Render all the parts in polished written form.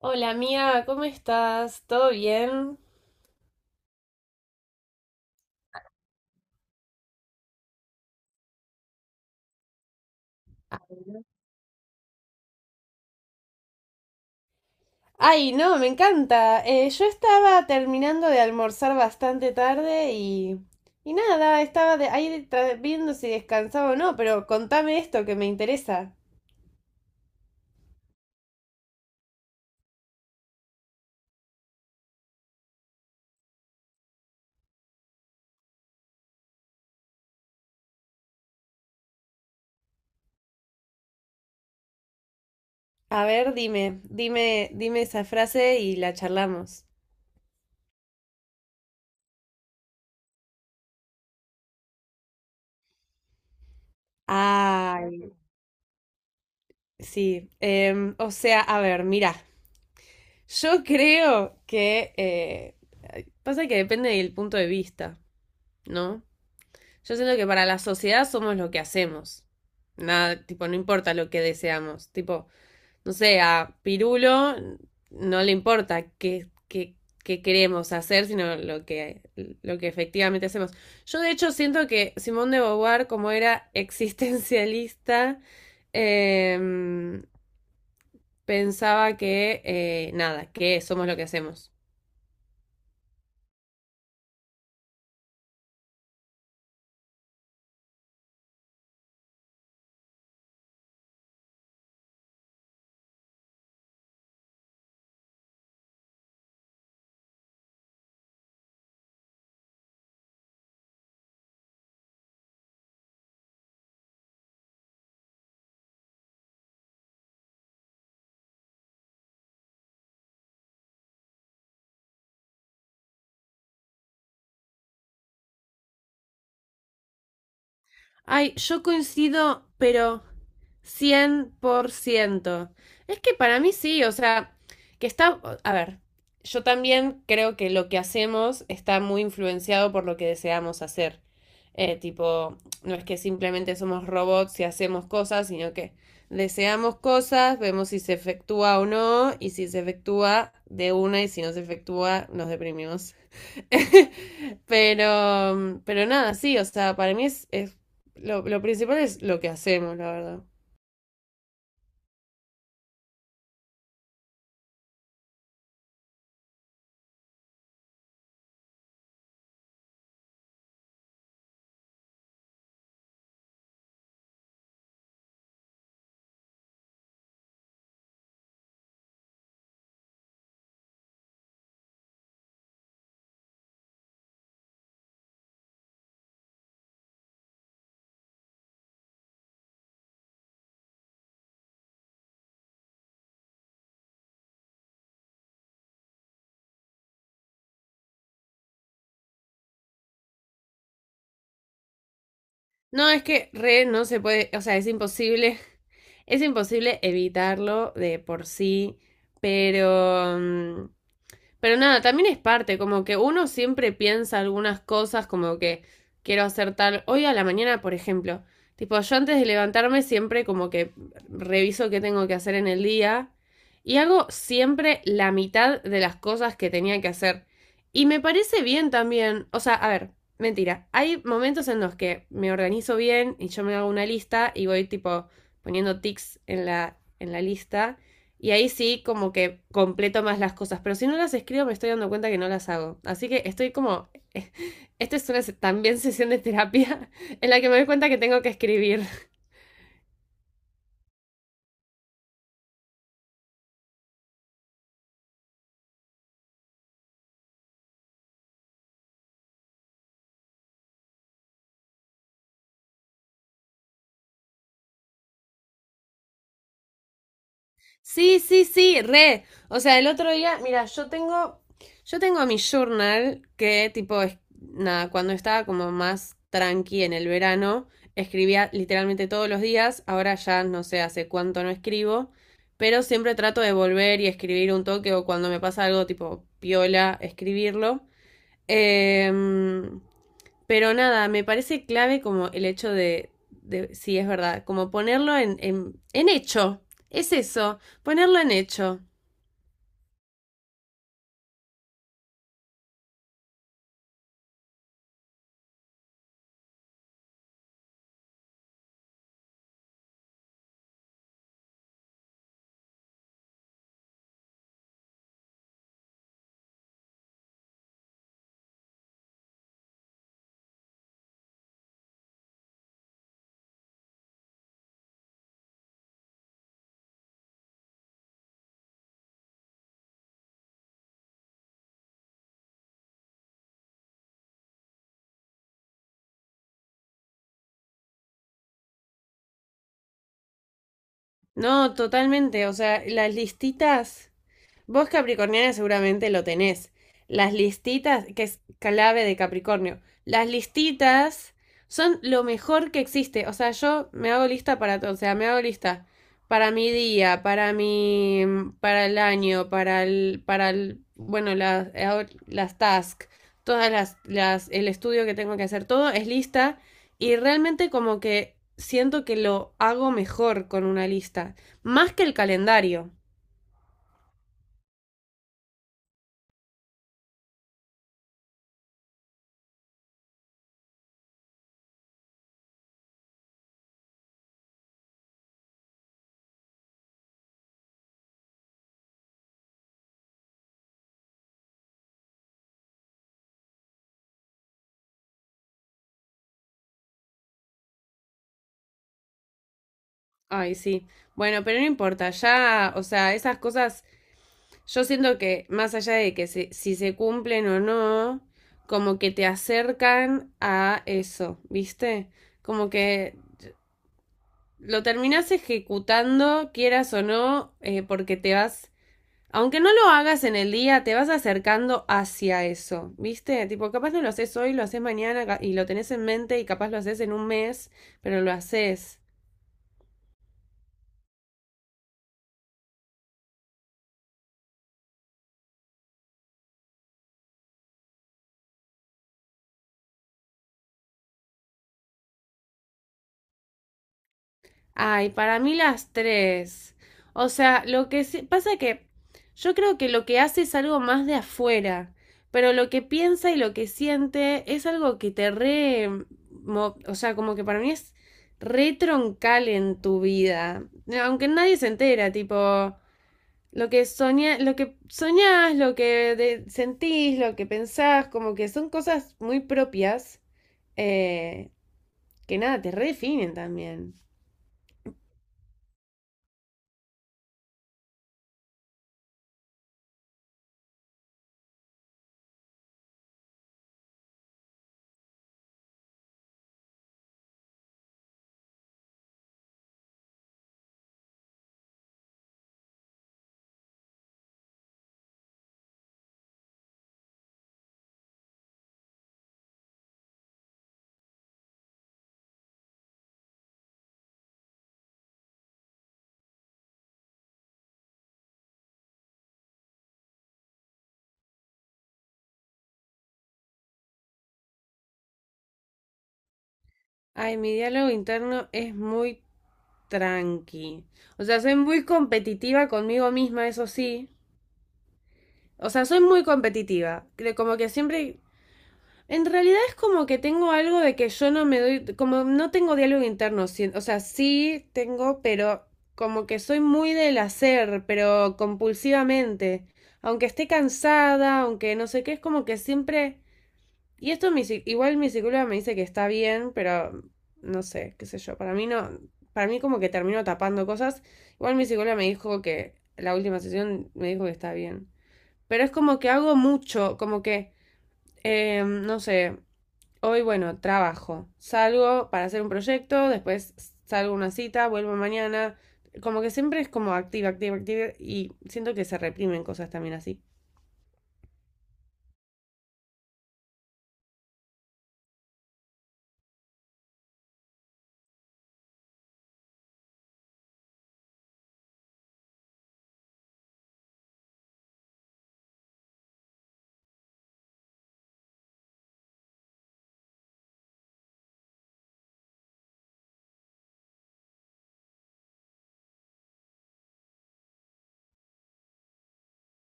Hola mía, ¿cómo estás? ¿Todo bien? Ay, no, me encanta. Yo estaba terminando de almorzar bastante tarde y nada, estaba ahí viendo si descansaba o no, pero contame esto que me interesa. A ver, dime esa frase y la charlamos. Ay, sí. O sea, a ver, mira, yo creo que, pasa que depende del punto de vista, ¿no? Yo siento que para la sociedad somos lo que hacemos. Nada, tipo, no importa lo que deseamos. Tipo, no sé, a Pirulo no le importa qué queremos hacer, sino lo que efectivamente hacemos. Yo, de hecho, siento que Simón de Beauvoir, como era existencialista, eh, pensaba que, nada, que somos lo que hacemos. Ay, yo coincido, pero 100%. Es que para mí sí, o sea, que está, a ver, yo también creo que lo que hacemos está muy influenciado por lo que deseamos hacer. Tipo, no es que simplemente somos robots y hacemos cosas, sino que deseamos cosas, vemos si se efectúa o no, y si se efectúa de una, y si no se efectúa, nos deprimimos. Pero nada, sí, o sea, para mí es lo principal es lo que hacemos, la verdad. No, es que re no se puede, o sea, es imposible, es imposible evitarlo de por sí, pero, pero nada, también es parte, como que uno siempre piensa algunas cosas como que quiero hacer tal. Hoy a la mañana, por ejemplo, tipo, yo antes de levantarme siempre como que reviso qué tengo que hacer en el día y hago siempre la mitad de las cosas que tenía que hacer. Y me parece bien también, o sea, a ver, mentira, hay momentos en los que me organizo bien y yo me hago una lista y voy tipo poniendo tics en la lista y ahí sí, como que completo más las cosas. Pero si no las escribo, me estoy dando cuenta que no las hago. Así que estoy como. Esta es una también sesión de terapia en la que me doy cuenta que tengo que escribir. Sí, sí, re. O sea, el otro día, mira, yo tengo mi journal que tipo, es, nada, cuando estaba como más tranqui en el verano, escribía literalmente todos los días, ahora ya no sé hace cuánto no escribo, pero siempre trato de volver y escribir un toque o cuando me pasa algo tipo piola, escribirlo. Em, pero nada, me parece clave como el hecho de sí, es verdad, como ponerlo en hecho. Es eso, ponerlo en hecho. No, totalmente. O sea, las listitas, vos, Capricorniana, seguramente lo tenés. Las listitas, que es clave de Capricornio, las listitas son lo mejor que existe. O sea, yo me hago lista para todo. O sea, me hago lista para mi día, para el año, para el, bueno, las tasks, todas las, el estudio que tengo que hacer, todo es lista y realmente como que siento que lo hago mejor con una lista, más que el calendario. Ay, sí. Bueno, pero no importa, ya, o sea, esas cosas, yo siento que más allá de si se cumplen o no, como que te acercan a eso, ¿viste? Como que lo terminás ejecutando, quieras o no, porque te vas, aunque no lo hagas en el día, te vas acercando hacia eso, ¿viste? Tipo, capaz no lo haces hoy, lo haces mañana y lo tenés en mente y capaz lo haces en un mes, pero lo haces. Ay, para mí las tres. O sea, pasa que yo creo que lo que hace es algo más de afuera, pero lo que piensa y lo que siente es algo que te re... O sea, como que para mí es re troncal en tu vida. No, aunque nadie se entera, tipo, lo que soñás, lo que sentís, lo que pensás, como que son cosas muy propias eh, que nada, te redefinen también. Ay, mi diálogo interno es muy tranqui. O sea, soy muy competitiva conmigo misma, eso sí. O sea, soy muy competitiva. Creo como que siempre... En realidad es como que tengo algo de que yo no me doy... Como no tengo diálogo interno. O sea, sí tengo, pero como que soy muy del hacer, pero compulsivamente. Aunque esté cansada, aunque no sé qué, es como que siempre... Y esto igual mi psicóloga me dice que está bien, pero no sé, qué sé yo. Para mí no, para mí como que termino tapando cosas. Igual mi psicóloga me dijo que la última sesión me dijo que está bien. Pero es como que hago mucho, como que, no sé, hoy bueno, trabajo, salgo para hacer un proyecto, después salgo a una cita, vuelvo mañana. Como que siempre es como activa, activa, activa y siento que se reprimen cosas también así.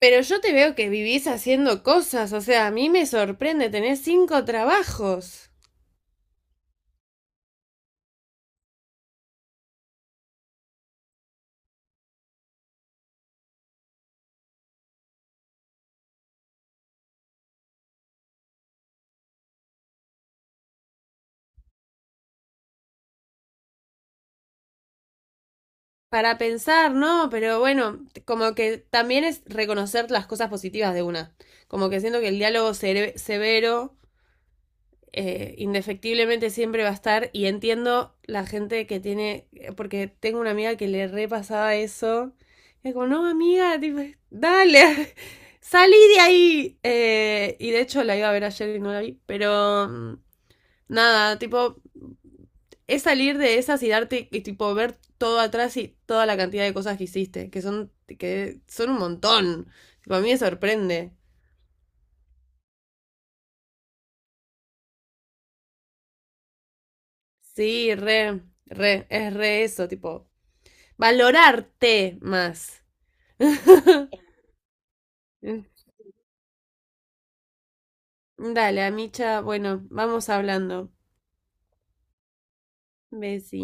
Pero yo te veo que vivís haciendo cosas, o sea, a mí me sorprende, tenés 5 trabajos para pensar, ¿no? Pero bueno, como que también es reconocer las cosas positivas de una. Como que siento que el diálogo severo indefectiblemente siempre va a estar y entiendo la gente que tiene, porque tengo una amiga que le repasaba eso. Y como, no, amiga, tipo, dale, salí de ahí. Y de hecho la iba a ver ayer y no la vi, pero... nada, tipo, es salir de esas y darte, y tipo, ver todo atrás y toda la cantidad de cosas que hiciste, que son un montón. Tipo, a mí me sorprende. Sí, re, re, es re eso, tipo, valorarte más. Dale, Amicha, bueno, vamos hablando. Besi.